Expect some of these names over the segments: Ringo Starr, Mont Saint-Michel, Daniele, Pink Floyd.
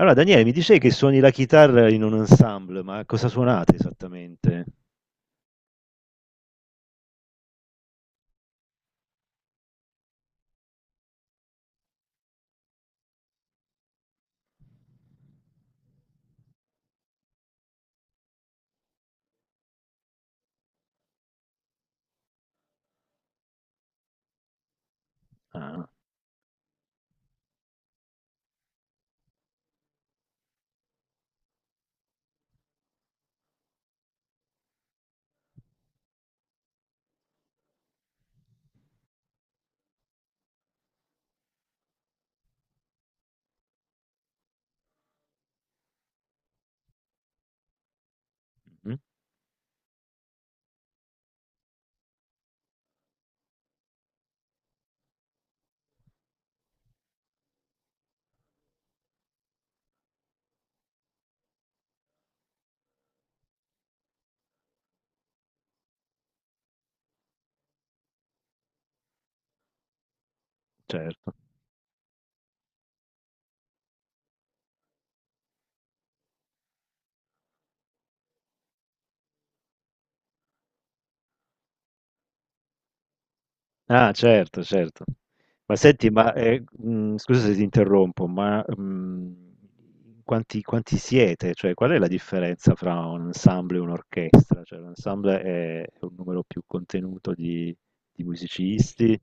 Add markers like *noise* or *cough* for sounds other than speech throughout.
Allora, Daniele, mi dicevi che suoni la chitarra in un ensemble, ma cosa suonate esattamente? Ah, mm, certo. Ah, certo, certo. Ma senti, ma scusa se ti interrompo, quanti siete? Cioè, qual è la differenza fra un ensemble e un'orchestra? Cioè, l'ensemble è un numero più contenuto di musicisti?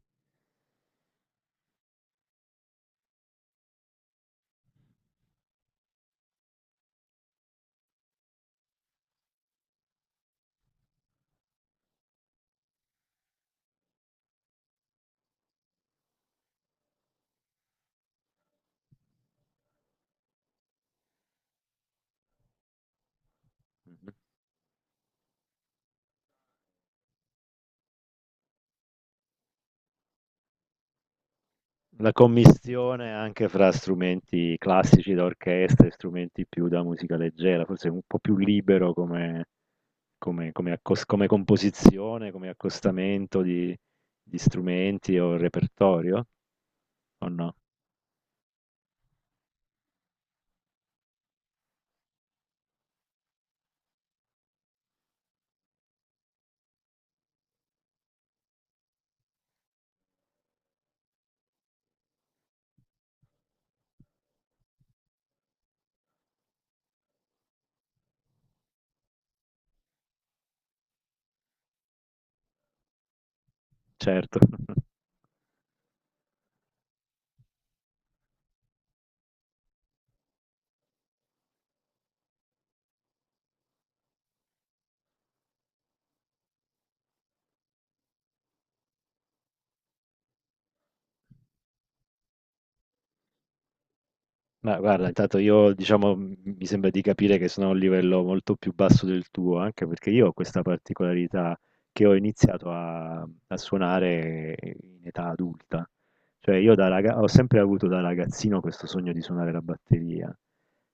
Mm-hmm. La commistione anche fra strumenti classici da orchestra e strumenti più da musica leggera, forse un po' più libero come come come accos come composizione, come accostamento di strumenti o repertorio? O no? Certo. Ma guarda, intanto io diciamo mi sembra di capire che sono a un livello molto più basso del tuo, anche perché io ho questa particolarità che ho iniziato a suonare in età adulta. Cioè io ho sempre avuto da ragazzino questo sogno di suonare la batteria,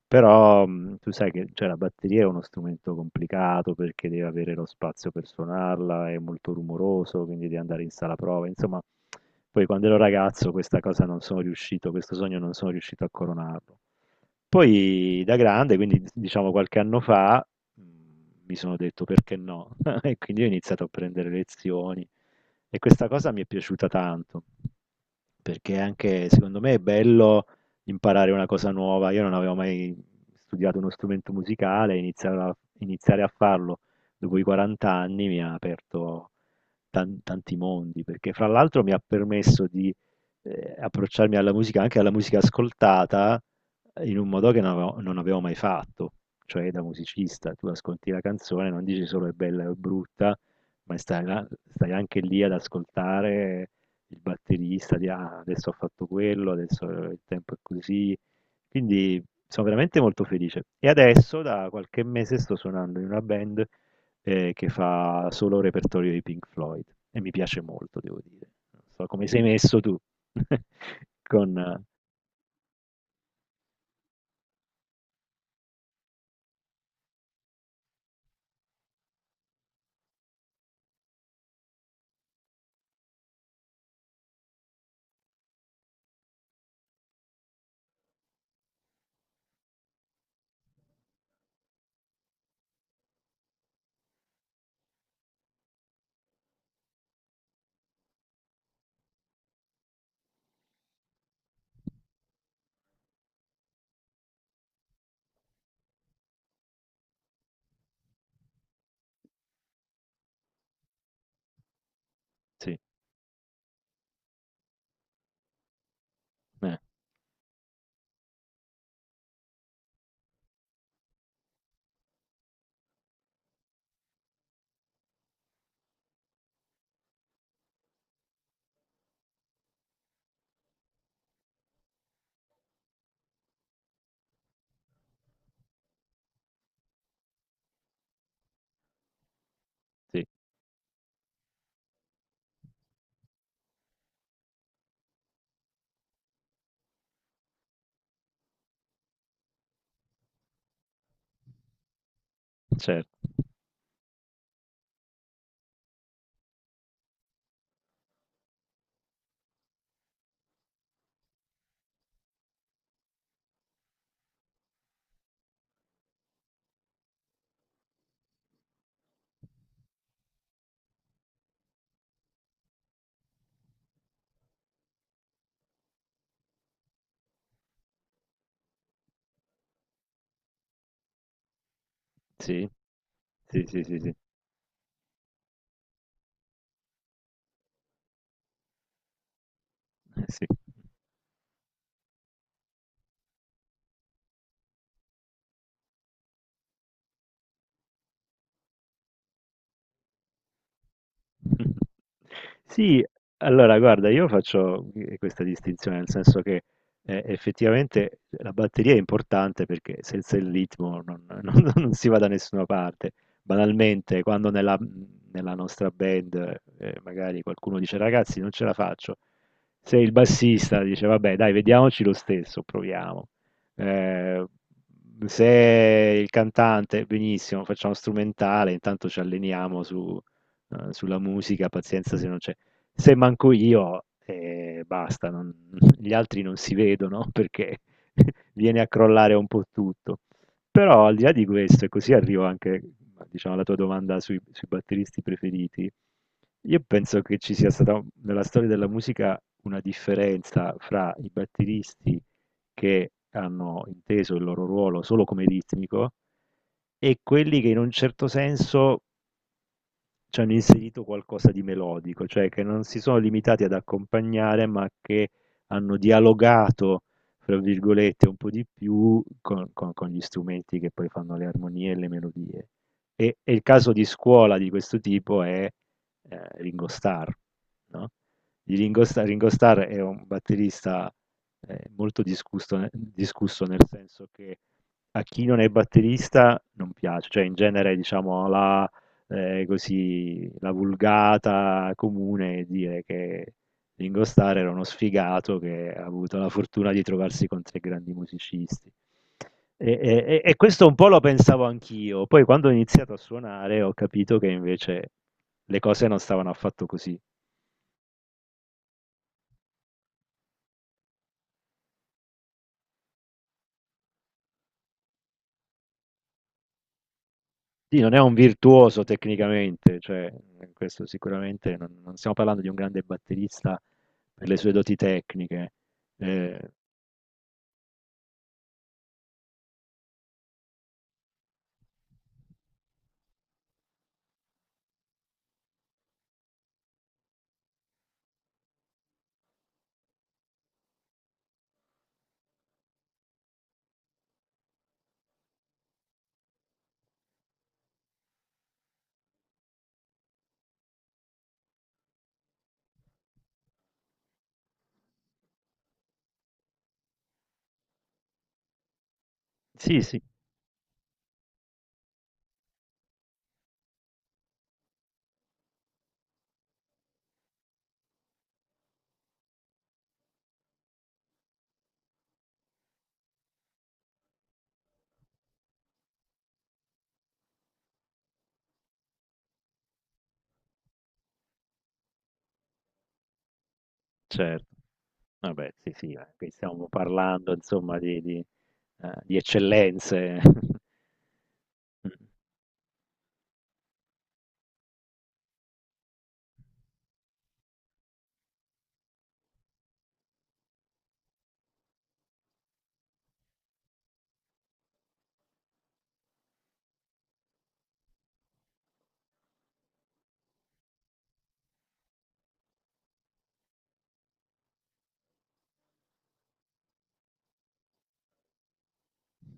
però tu sai che, cioè, la batteria è uno strumento complicato perché deve avere lo spazio per suonarla, è molto rumoroso, quindi devi andare in sala prova, insomma, poi quando ero ragazzo questa cosa non sono riuscito, questo sogno non sono riuscito a coronarlo. Poi da grande, quindi diciamo qualche anno fa, mh, mi sono detto perché no? *laughs* E quindi ho iniziato a prendere lezioni e questa cosa mi è piaciuta tanto, perché anche secondo me è bello imparare una cosa nuova. Io non avevo mai studiato uno strumento musicale, iniziare a farlo dopo i 40 anni mi ha aperto tanti mondi, perché fra l'altro mi ha permesso di approcciarmi alla musica, anche alla musica ascoltata, in un modo che non avevo mai fatto, cioè da musicista. Tu ascolti la canzone, non dici solo è bella o è brutta, ma stai anche lì ad ascoltare il batterista, di "Ah, adesso ho fatto quello, adesso il tempo è così." Quindi sono veramente molto felice. E adesso da qualche mese sto suonando in una band che fa solo repertorio di Pink Floyd e mi piace molto, devo dire. Non so come sei messo tu. *laughs* Con sì, eh, sì, cer sì, sì, sì, sì, sì, eh sì. *laughs* Sì, allora guarda, io faccio questa distinzione, nel senso che effettivamente la batteria è importante perché senza il ritmo non, *laughs* non si va da nessuna parte. Banalmente, quando nella nostra band magari qualcuno dice ragazzi non ce la faccio, se il bassista dice vabbè dai vediamoci lo stesso, proviamo. Eh, se il cantante, benissimo, facciamo strumentale, intanto ci alleniamo su sulla musica, pazienza se non c'è. Se manco io, basta, non *laughs* gli altri non si vedono perché *laughs* viene a crollare un po' tutto. Però al di là di questo, e così arrivo anche, diciamo, alla tua domanda sui batteristi preferiti, io penso che ci sia stata nella storia della musica una differenza fra i batteristi che hanno inteso il loro ruolo solo come ritmico e quelli che in un certo senso ci hanno inserito qualcosa di melodico, cioè che non si sono limitati ad accompagnare, ma che hanno dialogato, fra virgolette, un po' di più con, con gli strumenti che poi fanno le armonie e le melodie. E il caso di scuola di questo tipo è Ringo Starr, no? Di Ringo Starr, Ringo Starr è un batterista molto discusso, discusso nel senso che a chi non è batterista non piace, cioè in genere diciamo così, la vulgata comune è dire che Ringo Starr era uno sfigato che ha avuto la fortuna di trovarsi con tre grandi musicisti. E questo un po' lo pensavo anch'io, poi quando ho iniziato a suonare ho capito che invece le cose non stavano affatto così. Sì, non è un virtuoso tecnicamente, cioè, questo sicuramente non stiamo parlando di un grande batterista per le sue doti tecniche. Ehm, sì, sì, certo. Vabbè, sì, sì, qui stiamo parlando insomma di di eccellenze. *laughs* Mh,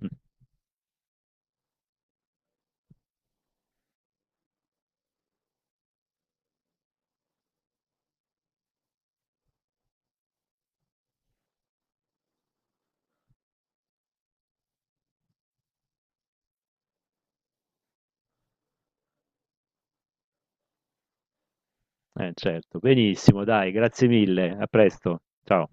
mh, eh certo. Benissimo dai, grazie mille, a presto. Ciao.